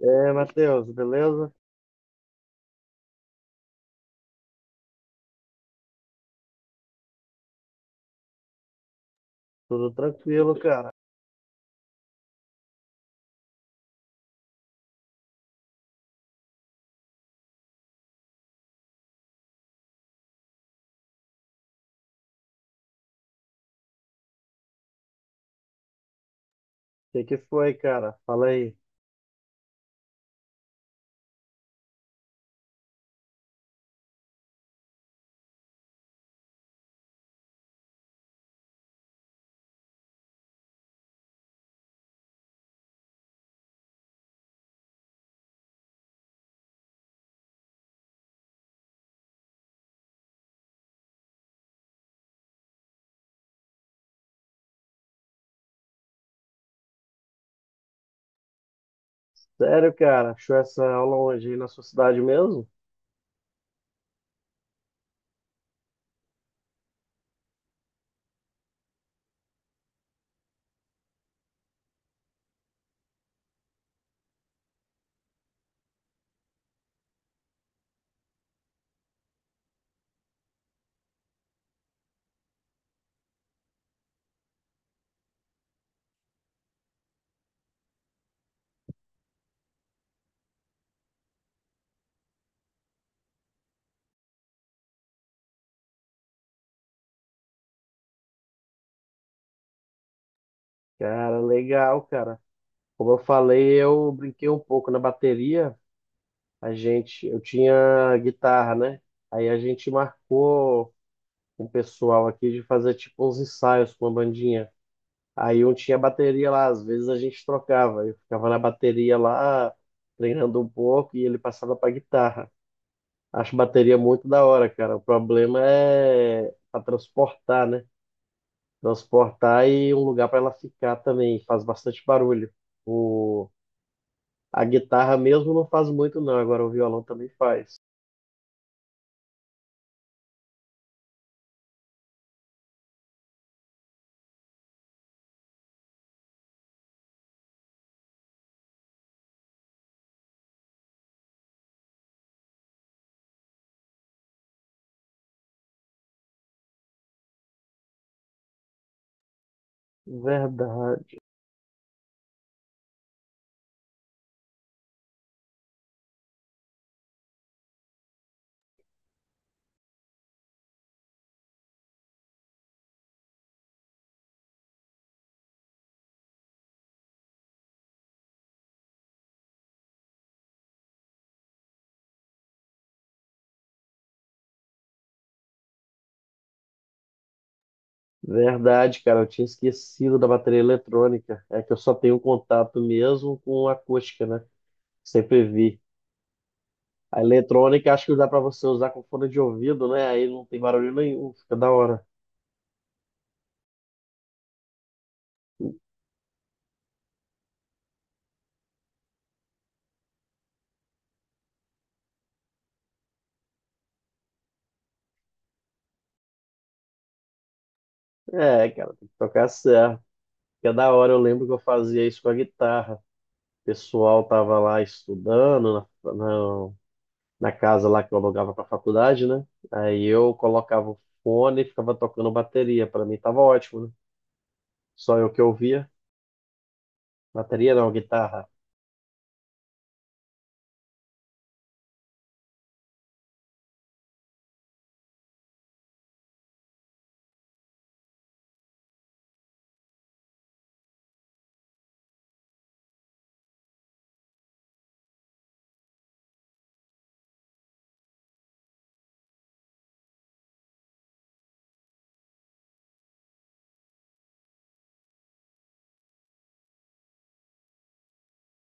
É, aí, Matheus, beleza? Tudo tranquilo, cara. O que que foi, cara? Fala aí. Sério, cara? Achou essa aula hoje aí na sua cidade mesmo? Cara, legal, cara. Como eu falei, eu brinquei um pouco na bateria. A gente, eu tinha guitarra, né? Aí a gente marcou com o pessoal aqui de fazer tipo uns ensaios com a bandinha. Aí um tinha bateria lá, às vezes a gente trocava. Eu ficava na bateria lá, treinando um pouco e ele passava pra guitarra. Acho bateria muito da hora, cara. O problema é para transportar, né? Transportar e um lugar para ela ficar também. Faz bastante barulho. O... A guitarra mesmo não faz muito, não. Agora o violão também faz. Verdade, verdade, cara. Eu tinha esquecido da bateria eletrônica. É que eu só tenho contato mesmo com acústica, né? Sempre vi. A eletrônica acho que dá para você usar com fone de ouvido, né? Aí não tem barulho nenhum, fica da hora. É, cara, tem que tocar certo. Que é da hora, eu lembro que eu fazia isso com a guitarra. O pessoal tava lá estudando na casa lá que eu alugava para faculdade, né? Aí eu colocava o fone e ficava tocando bateria. Para mim tava ótimo, né? Só eu que ouvia. Bateria não, guitarra.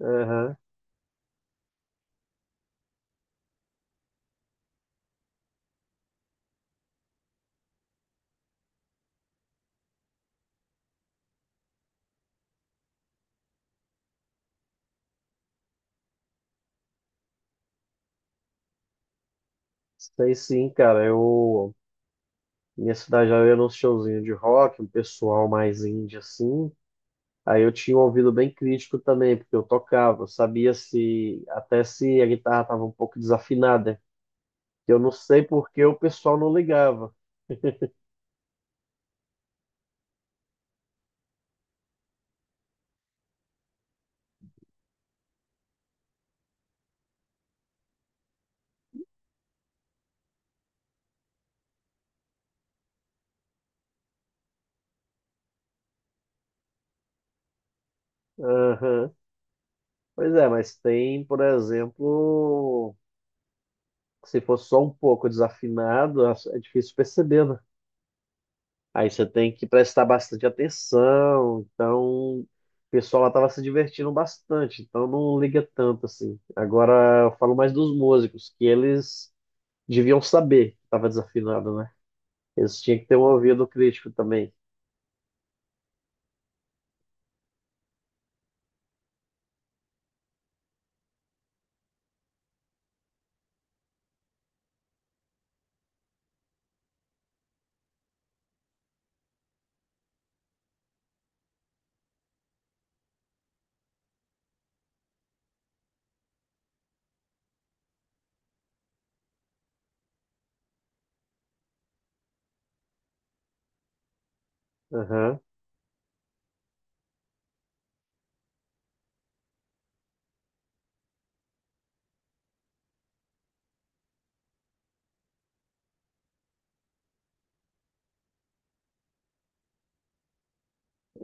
Aham. Sei sim, cara. Eu, minha cidade já era um showzinho de rock, um pessoal mais indie assim. Aí eu tinha um ouvido bem crítico também, porque eu tocava, eu sabia se até se a guitarra estava um pouco desafinada. Eu não sei por que o pessoal não ligava. Aham. Pois é, mas tem, por exemplo, se for só um pouco desafinado, é difícil perceber, né? Aí você tem que prestar bastante atenção. Então, o pessoal lá estava se divertindo bastante, então não liga tanto assim. Agora eu falo mais dos músicos, que eles deviam saber que estava desafinado, né? Eles tinham que ter um ouvido crítico também. Aham.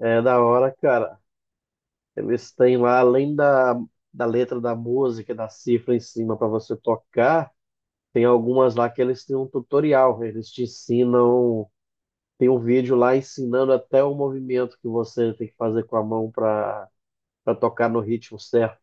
É da hora, cara. Eles têm lá, além da, da letra da música, da cifra em cima para você tocar, tem algumas lá que eles têm um tutorial. Eles te ensinam, tem um vídeo lá ensinando até o movimento que você tem que fazer com a mão para tocar no ritmo certo.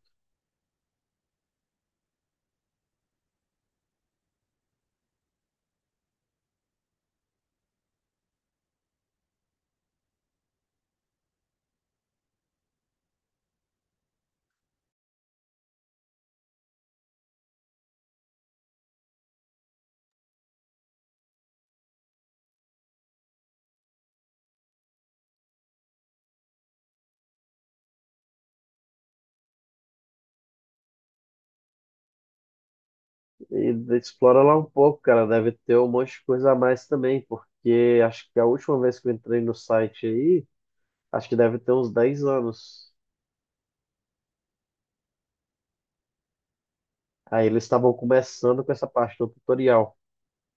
E explora lá um pouco, cara. Deve ter um monte de coisa a mais também, porque acho que a última vez que eu entrei no site aí, acho que deve ter uns 10 anos. Aí eles estavam começando com essa parte do tutorial.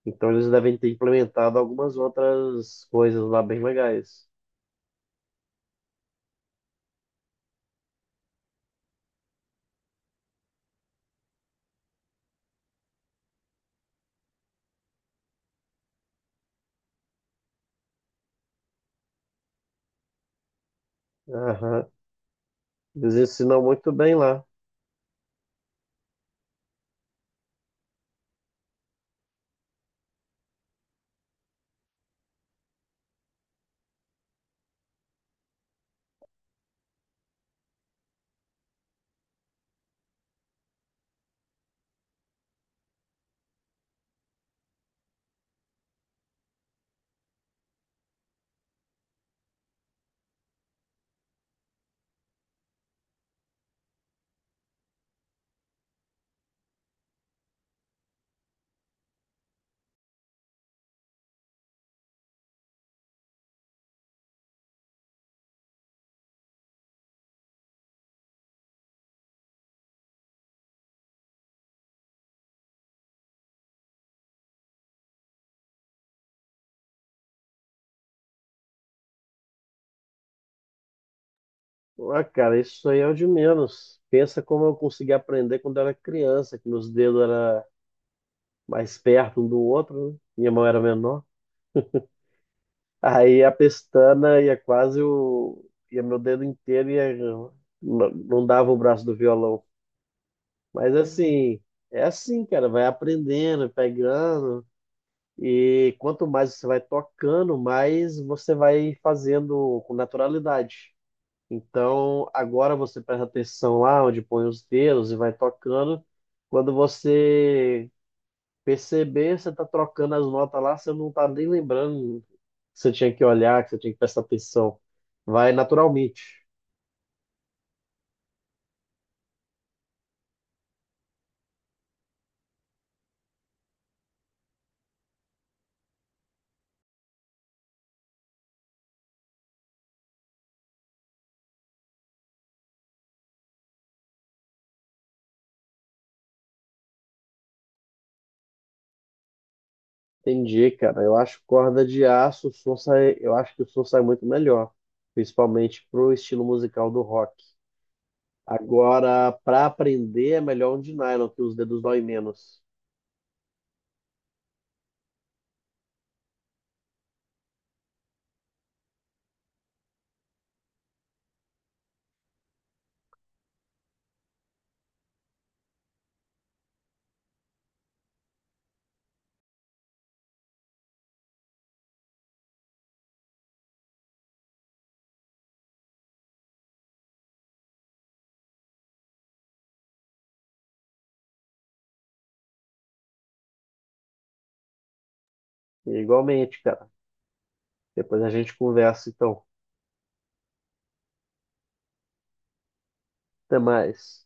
Então eles devem ter implementado algumas outras coisas lá bem legais. Aham. Eles ensinam muito bem lá. Ah, cara, isso aí é o de menos. Pensa como eu consegui aprender quando era criança, que meus dedos eram mais perto um do outro, né? Minha mão era menor. Aí a pestana ia quase o... ia meu dedo inteiro e não dava o braço do violão. Mas assim, é assim, cara, vai aprendendo, pegando. E quanto mais você vai tocando, mais você vai fazendo com naturalidade. Então, agora você presta atenção lá onde põe os dedos e vai tocando. Quando você perceber, você está trocando as notas lá, você não está nem lembrando que você tinha que olhar, que você tinha que prestar atenção. Vai naturalmente. Entendi, cara. Eu acho corda de aço, o som sai, eu acho que o som sai muito melhor, principalmente pro estilo musical do rock. Agora, para aprender, é melhor um de nylon, que os dedos doem menos. E igualmente, cara. Depois a gente conversa, então. Até mais.